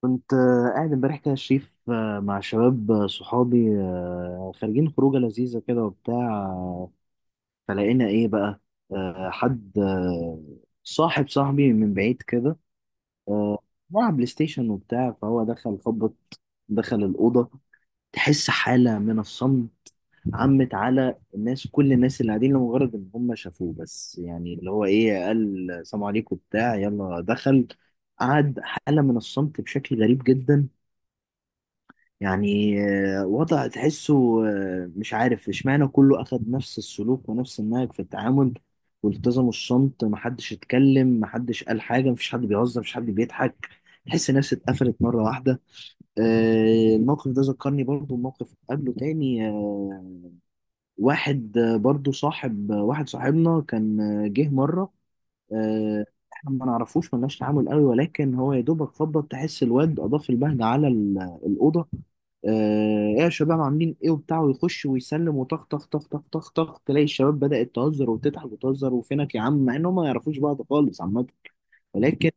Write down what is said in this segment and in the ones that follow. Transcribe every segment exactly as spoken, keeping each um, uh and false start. كنت آه، قاعد امبارح كده يا شريف، آه، مع شباب، آه، صحابي، آه، خارجين خروجة لذيذة كده وبتاع. آه، فلقينا ايه بقى؟ آه، حد، آه، صاحب صاحبي من بعيد كده، آه، بيلعب بلاي ستيشن وبتاع. فهو دخل، خبط، دخل الأوضة، تحس حالة من الصمت عمت على الناس، كل الناس اللي قاعدين، لمجرد ان هم شافوه بس. يعني اللي هو ايه، قال سلام عليكم، بتاع، يلا دخل قعد، حالة من الصمت بشكل غريب جدا يعني. آه، وضع تحسه، آه، مش عارف اشمعنى كله أخد نفس السلوك ونفس النهج في التعامل، والتزموا الصمت، محدش اتكلم، محدش قال حاجة، مفيش حد بيهزر، مفيش حد بيضحك، تحس الناس اتقفلت مرة واحدة. آه، الموقف ده ذكرني برضو بموقف قبله تاني. آه، واحد، آه، برضو صاحب، آه، واحد صاحبنا كان، آه، جه مرة، آه، احنا ما نعرفوش، ملناش تعامل قوي، ولكن هو يا دوبك خبط، تحس الواد اضاف البهجه على ال- الاوضه. آه، ايه يا شباب، عاملين ايه وبتاع، ويخش ويسلم وطخ طخ طخ طخ طخ طخ، تلاقي الشباب بدأت تهزر وتضحك وتهزر، وفينك يا عم، مع انهم ما يعرفوش بعض خالص عامه. ولكن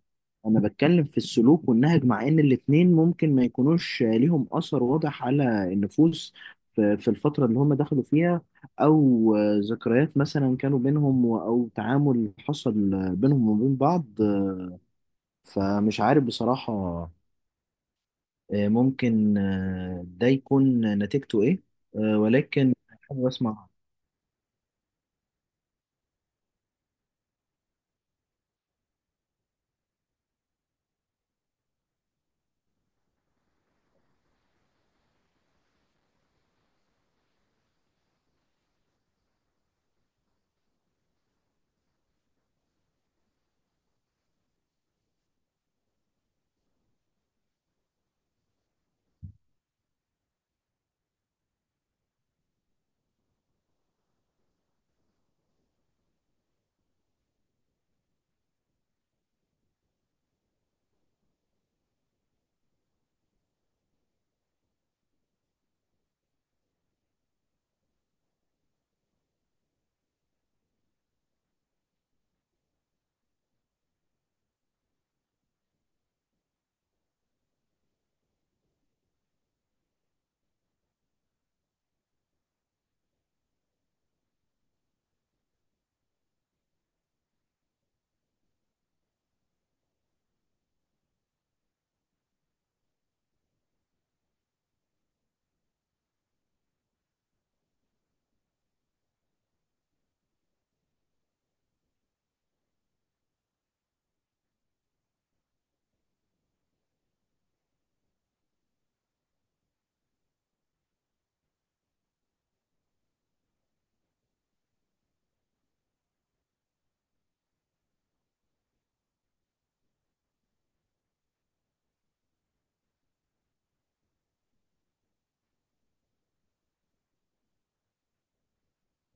انا بتكلم في السلوك والنهج، مع ان الاتنين ممكن ما يكونوش ليهم اثر واضح على النفوس في في الفترة اللي هم دخلوا فيها، او ذكريات مثلا كانوا بينهم، و- او تعامل حصل بينهم وبين بعض. فمش عارف بصراحة، آه، ممكن آه، ده يكون نتيجته ايه. آه، ولكن حابب اسمع.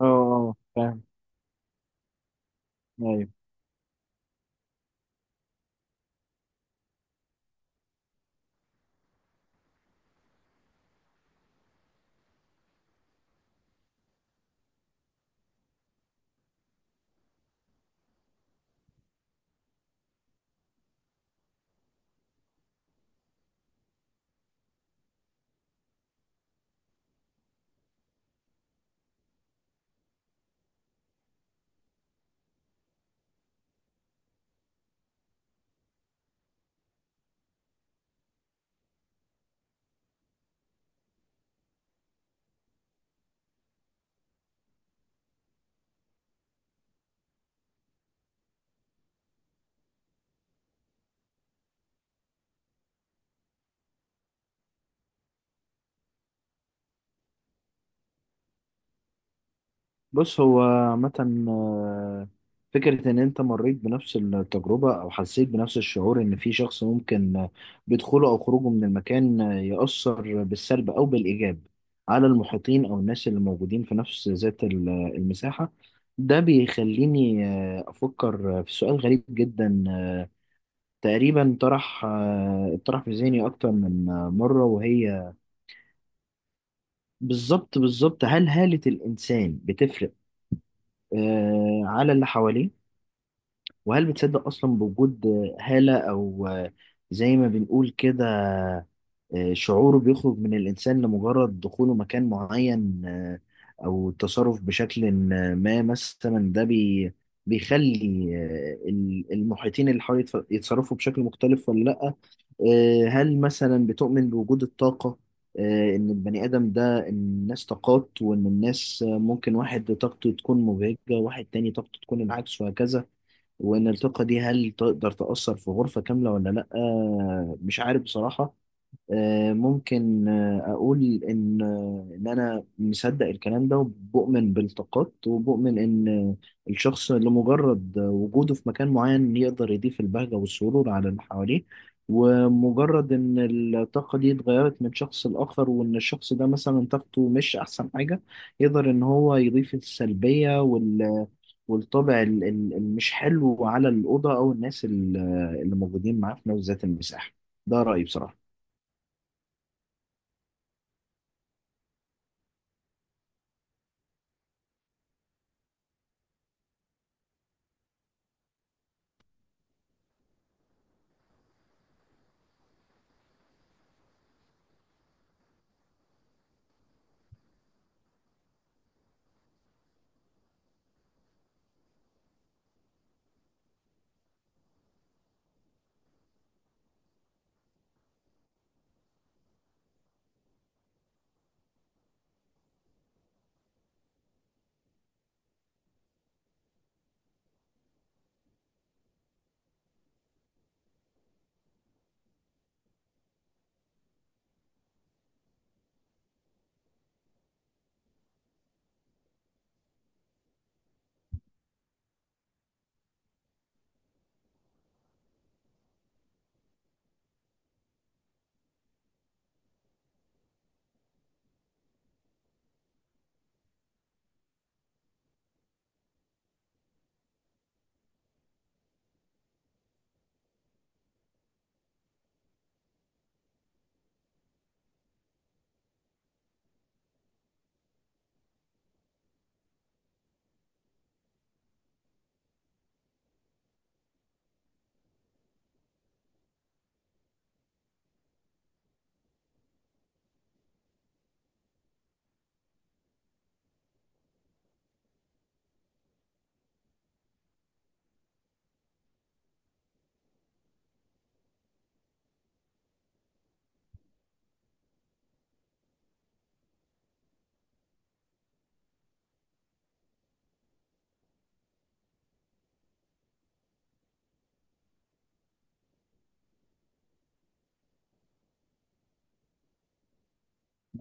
اه، اه، فاهم. أيوة. بص هو عامة، آه، فكرة إن أنت مريت بنفس التجربة أو حسيت بنفس الشعور، إن في شخص ممكن آه، بدخوله أو خروجه من المكان آه، يأثر بالسلب أو بالإيجاب على المحيطين أو الناس اللي موجودين في نفس ذات ال- المساحة. ده بيخليني آه، أفكر في سؤال غريب جدا، آه، تقريبا طرح آه، طرح في ذهني أكتر من آه، مرة، وهي بالظبط بالظبط هل هالة الإنسان بتفرق آه، على اللي حواليه؟ وهل بتصدق أصلا بوجود هالة، أو زي ما بنقول كده شعوره، بيخرج من الإنسان لمجرد دخوله مكان معين، آه، أو التصرف بشكل ما مثلا؟ ده بي بيخلي المحيطين اللي حواليه يتص- يتصرفوا بشكل مختلف ولا لأ؟ آه، هل مثلا بتؤمن بوجود الطاقة؟ آه، إن البني آدم ده، الناس طاقات، وإن الناس آه، ممكن واحد طاقته تكون مبهجة، واحد تاني طاقته تكون العكس، وهكذا. وان الثقه دي هل تقدر تاثر في غرفه كامله ولا لا؟ آه، مش عارف بصراحه. آه، ممكن آه، اقول ان، آه، ان انا مصدق الكلام ده، وبؤمن بالطاقات، وبؤمن ان الشخص لمجرد وجوده في مكان معين يقدر يضيف البهجه والسرور على اللي حواليه. ومجرد ان الطاقه دي اتغيرت من شخص لاخر، وان الشخص ده مثلا طاقته مش احسن حاجه، يقدر ان هو يضيف السلبيه والطابع ال- ال- المش حلو على الأوضة أو الناس ال- اللي موجودين معاه في نفس ذات المساحة. ده رأيي بصراحة.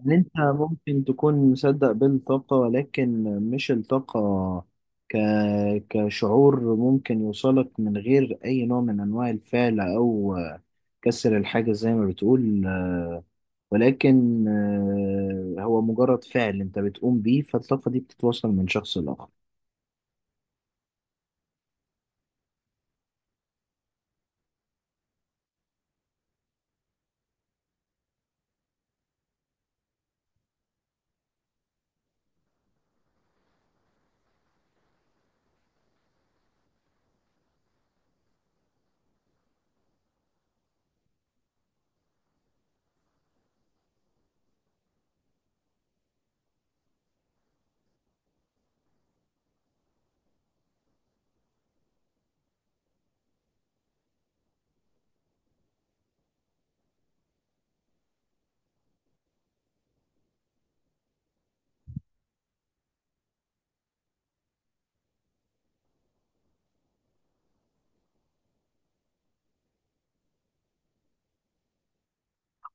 إن أنت ممكن تكون مصدق بالطاقة، ولكن مش الطاقة ك... كشعور ممكن يوصلك من غير أي نوع من أنواع الفعل أو كسر الحاجة زي ما بتقول، آه، ولكن آه، هو مجرد فعل أنت بتقوم بيه، فالطاقة دي بتتوصل من شخص لآخر.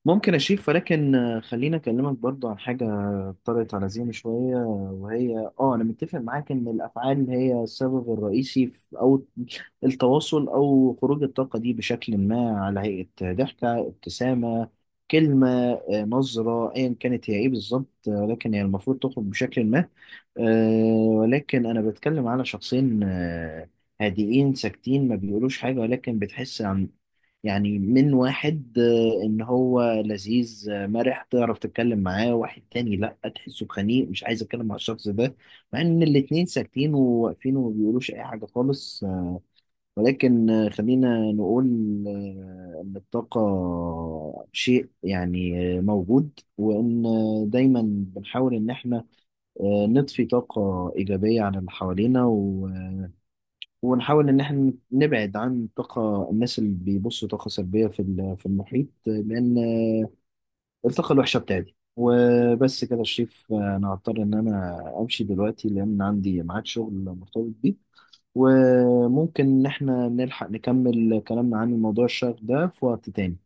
ممكن أشيف، ولكن آه، خليني أكلمك برضو عن حاجة طرقت على ذهني شوية، وهي آه، أنا متفق معاك إن الأفعال هي السبب الرئيسي في، أو التواصل أو خروج الطاقة دي بشكل ما، على هيئة ضحكة، ابتسامة، كلمة، آه، نظرة، أيا كانت هي إيه بالظبط، آه، لكن هي المفروض تخرج بشكل ما. آه، ولكن أنا بتكلم على شخصين آه، هادئين ساكتين، ما بيقولوش حاجة، ولكن بتحس عن، يعني من واحد، ان هو لذيذ مرح تعرف تتكلم معاه، واحد تاني لا، تحسه خنيق مش عايز اتكلم مع الشخص ده، مع ان الاتنين ساكتين وواقفين وما بيقولوش اي حاجة خالص. ولكن آه، خلينا نقول آه، ان الطاقة شيء يعني آه، موجود، وان آه، دايما بنحاول ان احنا آه، نضفي طاقة ايجابية عن اللي حوالينا، و ونحاول إن إحنا نبعد عن طاقة الناس اللي بيبصوا طاقة سلبية في ال- في المحيط، لأن الطاقة الوحشة بتاعتي. وبس كده يا شريف، أنا هضطر إن أنا أمشي دلوقتي لأن عندي ميعاد شغل مرتبط بيه. وممكن إن إحنا نلحق نكمل كلامنا عن الموضوع الشاغ ده في وقت تاني.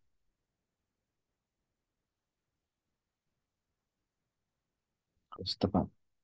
خلاص اتفقنا.